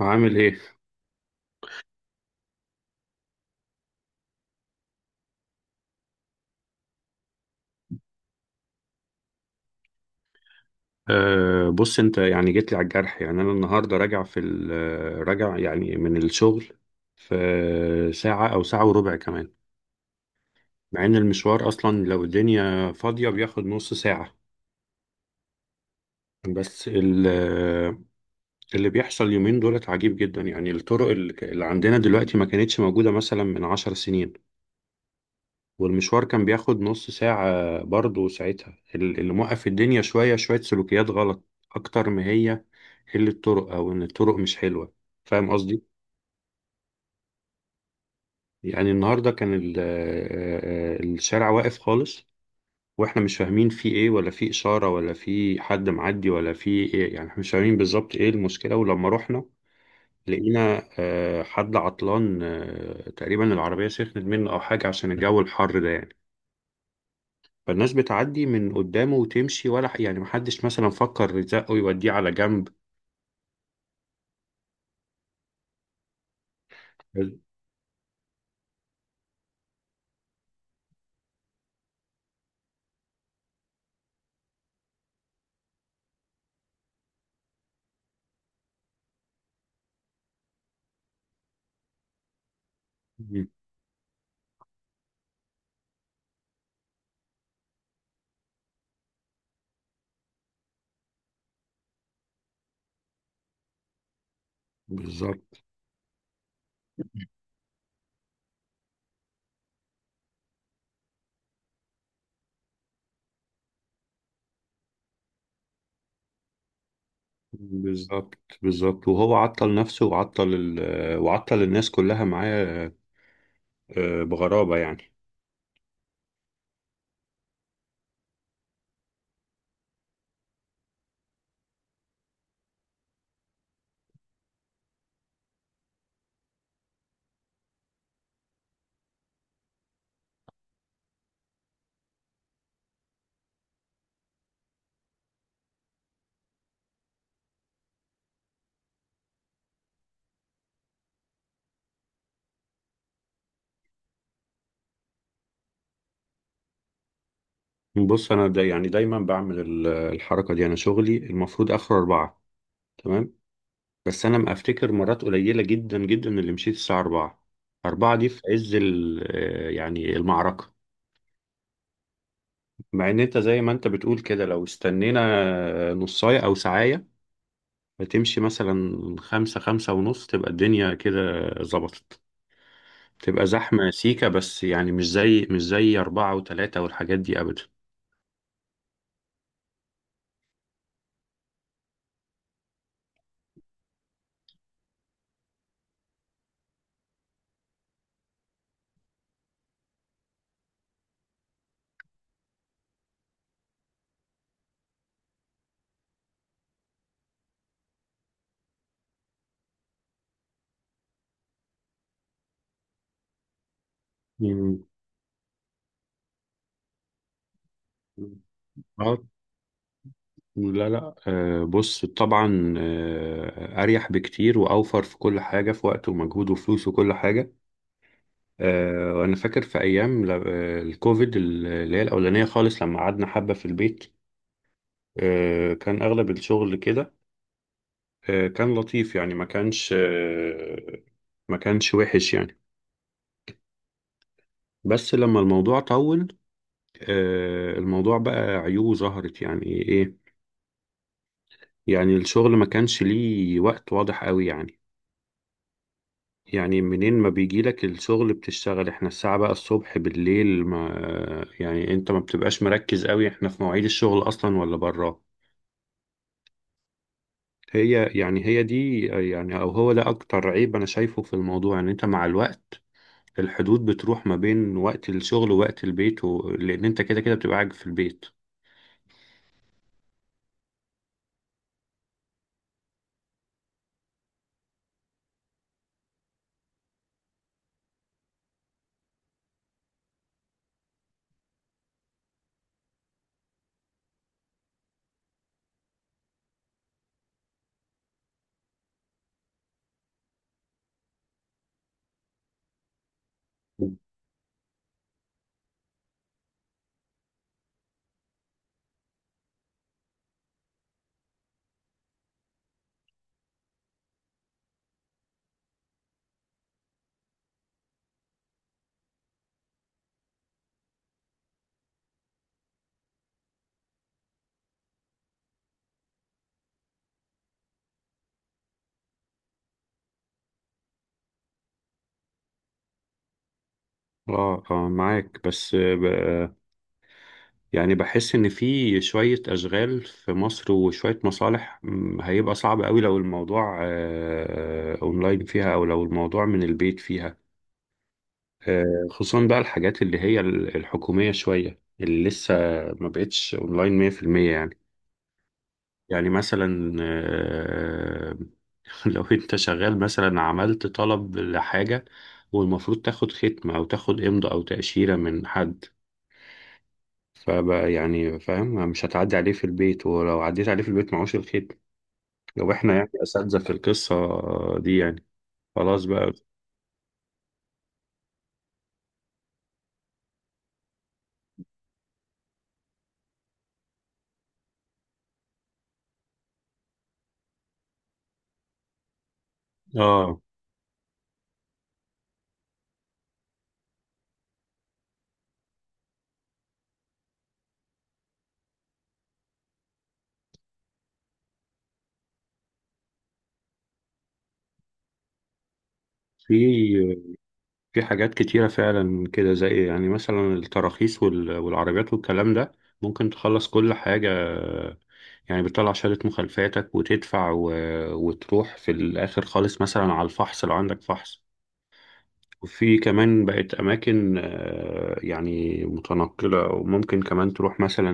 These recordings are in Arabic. عامل ايه؟ بص انت يعني جيت لي على الجرح، يعني انا النهارده راجع راجع يعني من الشغل في ساعة او ساعة وربع كمان، مع ان المشوار اصلا لو الدنيا فاضية بياخد نص ساعة. بس اللي بيحصل اليومين دولت عجيب جدا، يعني الطرق اللي عندنا دلوقتي ما كانتش موجودة مثلا من 10 سنين، والمشوار كان بياخد نص ساعة برضه ساعتها. اللي موقف الدنيا شوية شوية سلوكيات غلط أكتر ما هي قلة الطرق أو إن الطرق مش حلوة. فاهم قصدي؟ يعني النهاردة كان الشارع واقف خالص وإحنا مش فاهمين فيه إيه، ولا فيه إشارة، ولا فيه حد معدي، ولا فيه إيه، يعني إحنا مش فاهمين بالظبط إيه المشكلة. ولما رحنا لقينا حد عطلان، تقريبا العربية سخنت منه أو حاجة عشان الجو الحر ده يعني. فالناس بتعدي من قدامه وتمشي، يعني محدش مثلا فكر يزقه يوديه على جنب. مم. بالظبط بالظبط بالظبط، وهو عطل نفسه وعطل الناس كلها معاه، بغرابة يعني. بص أنا دا يعني دايما بعمل الحركة دي. أنا شغلي المفروض آخر أربعة، تمام، بس أنا ما أفتكر مرات قليلة جدا جدا اللي مشيت الساعة أربعة. أربعة دي في عز يعني المعركة. مع ان انت زي ما انت بتقول كده، لو استنينا نصاية او ساعية هتمشي مثلا خمسة خمسة ونص تبقى الدنيا كده ظبطت، تبقى زحمة سيكة بس، يعني مش زي أربعة وتلاتة والحاجات دي أبدا. مم. آه، لا لا، بص طبعا، أريح بكتير وأوفر في كل حاجة، في وقت ومجهود وفلوس وكل حاجة. وأنا فاكر في أيام الكوفيد اللي هي الأولانية خالص لما قعدنا حبة في البيت. كان أغلب الشغل كده، كان لطيف يعني، ما كانش وحش يعني. بس لما الموضوع طول، الموضوع بقى عيوبه ظهرت يعني إيه. يعني الشغل ما كانش ليه وقت واضح قوي يعني، يعني منين ما بيجي لك الشغل بتشتغل، احنا الساعة بقى الصبح بالليل ما يعني، انت ما بتبقاش مركز قوي احنا في مواعيد الشغل اصلا ولا براه. هي يعني هي دي يعني، او هو ده اكتر عيب انا شايفه في الموضوع، ان انت مع الوقت الحدود بتروح ما بين وقت الشغل ووقت البيت، لان انت كده كده بتبقى قاعد في البيت. اه اه معاك، بس يعني بحس ان في شوية اشغال في مصر وشوية مصالح، هيبقى صعب قوي لو الموضوع اونلاين فيها، او لو الموضوع من البيت فيها. خصوصا بقى الحاجات اللي هي الحكومية شوية اللي لسه ما بقتش اونلاين 100% يعني. يعني مثلا لو انت شغال مثلا عملت طلب لحاجة، والمفروض تاخد ختمة او تاخد امضاء او تأشيرة من حد، فبقى يعني فاهم مش هتعدي عليه في البيت، ولو عديت عليه في البيت معهوش الختم، لو احنا يعني اساتذة في القصة دي يعني، خلاص بقى. اه، في في حاجات كتيرة فعلا كده، زي يعني مثلا التراخيص والعربيات والكلام ده، ممكن تخلص كل حاجة. يعني بتطلع شهادة مخالفاتك وتدفع، وتروح في الآخر خالص مثلا على الفحص لو عندك فحص. وفي كمان بقت أماكن يعني متنقلة، وممكن كمان تروح مثلا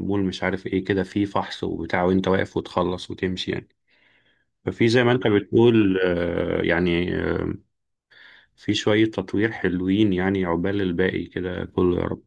مول مش عارف إيه كده، فيه فحص وبتاع وأنت واقف وتخلص وتمشي يعني. ففي زي ما أنت بتقول يعني في شوية تطوير حلوين يعني، عقبال الباقي كده كله يا رب.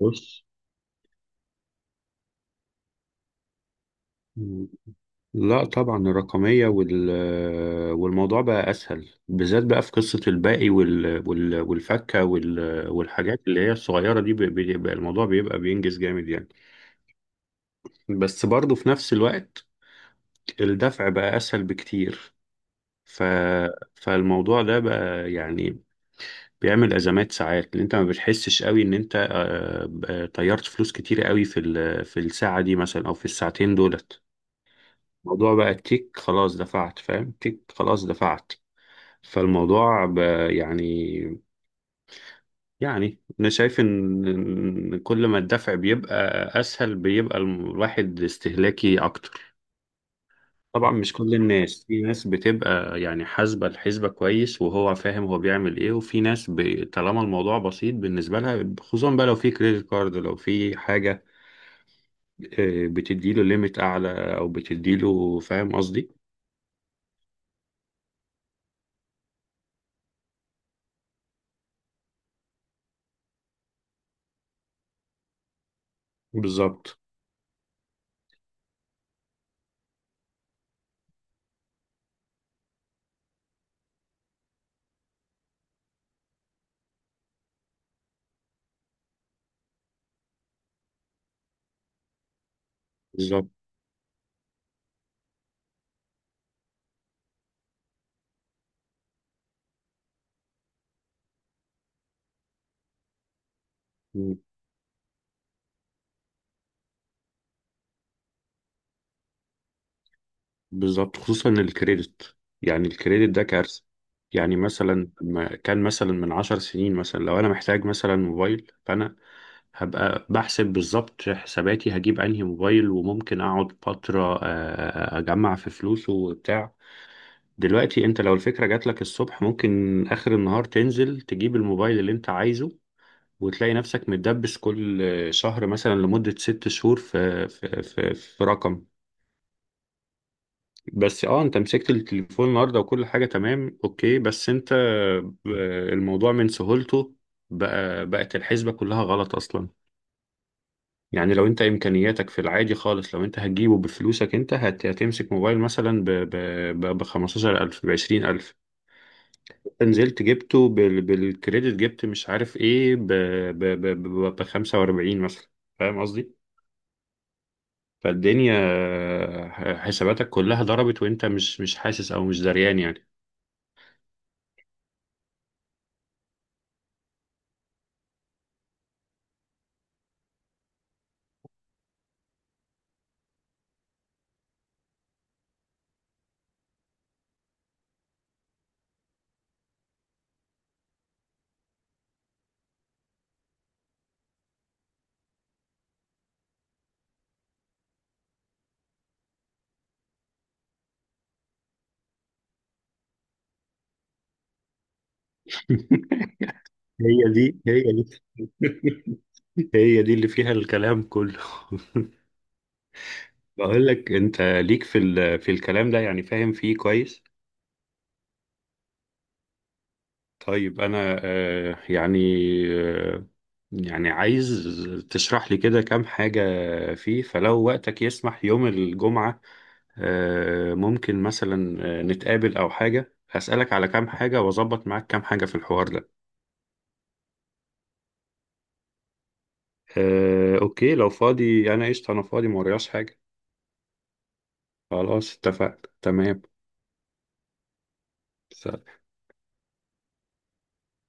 بص، لا طبعا الرقمية، والموضوع بقى أسهل، بالذات بقى في قصة الباقي والفكة والحاجات اللي هي الصغيرة دي، بيبقى الموضوع بيبقى بينجز جامد يعني. بس برضه في نفس الوقت الدفع بقى أسهل بكتير. ف فالموضوع ده بقى يعني بيعمل أزمات ساعات، اللي أنت ما بتحسش قوي إن أنت طيرت فلوس كتير قوي في في الساعة دي مثلا، أو في الساعتين دولت. الموضوع بقى تيك خلاص دفعت، فاهم، تيك خلاص دفعت. فالموضوع يعني انا شايف إن كل ما الدفع بيبقى اسهل بيبقى الواحد استهلاكي اكتر. طبعا مش كل الناس، في ناس بتبقى يعني حاسبة الحسبة كويس وهو فاهم هو بيعمل ايه، وفي ناس طالما الموضوع بسيط بالنسبة لها، خصوصا بقى لو في كريدت كارد، لو في حاجة بتديله ليميت اعلى او بتديله، فاهم قصدي. بالظبط بالظبط بالظبط، خصوصا الكريدت. يعني الكريدت ده كارثة، يعني مثلا ما كان مثلا من 10 سنين، مثلا لو انا محتاج مثلا موبايل، فانا هبقى بحسب بالظبط حساباتي هجيب انهي موبايل، وممكن اقعد فترة اجمع في فلوسه وبتاع. دلوقتي انت لو الفكرة جاتلك الصبح ممكن اخر النهار تنزل تجيب الموبايل اللي انت عايزه، وتلاقي نفسك متدبس كل شهر مثلا لمدة 6 شهور في رقم. بس اه انت مسكت التليفون النهارده وكل حاجه تمام اوكي، بس انت الموضوع من سهولته بقى، بقت الحسبه كلها غلط اصلا. يعني لو انت امكانياتك في العادي خالص، لو انت هتجيبه بفلوسك انت هتمسك موبايل مثلا ب 15000، ب 20000، نزلت جبته بالكريدت جبت مش عارف ايه، ب ب ب 45 مثلا، فاهم قصدي. فالدنيا حساباتك كلها ضربت، وانت مش حاسس او مش دريان يعني. هي دي هي دي، هي دي اللي فيها الكلام كله. بقول لك انت ليك في في الكلام ده، يعني فاهم فيه كويس. طيب انا آه، يعني عايز تشرح لي كده كام حاجة فيه، فلو وقتك يسمح يوم الجمعة ممكن مثلا نتقابل او حاجة، هسألك على كام حاجة واظبط معاك كام حاجة في الحوار ده. اوكي لو فاضي انا قشطة، انا فاضي ما ورياش حاجة. خلاص اتفقنا تمام.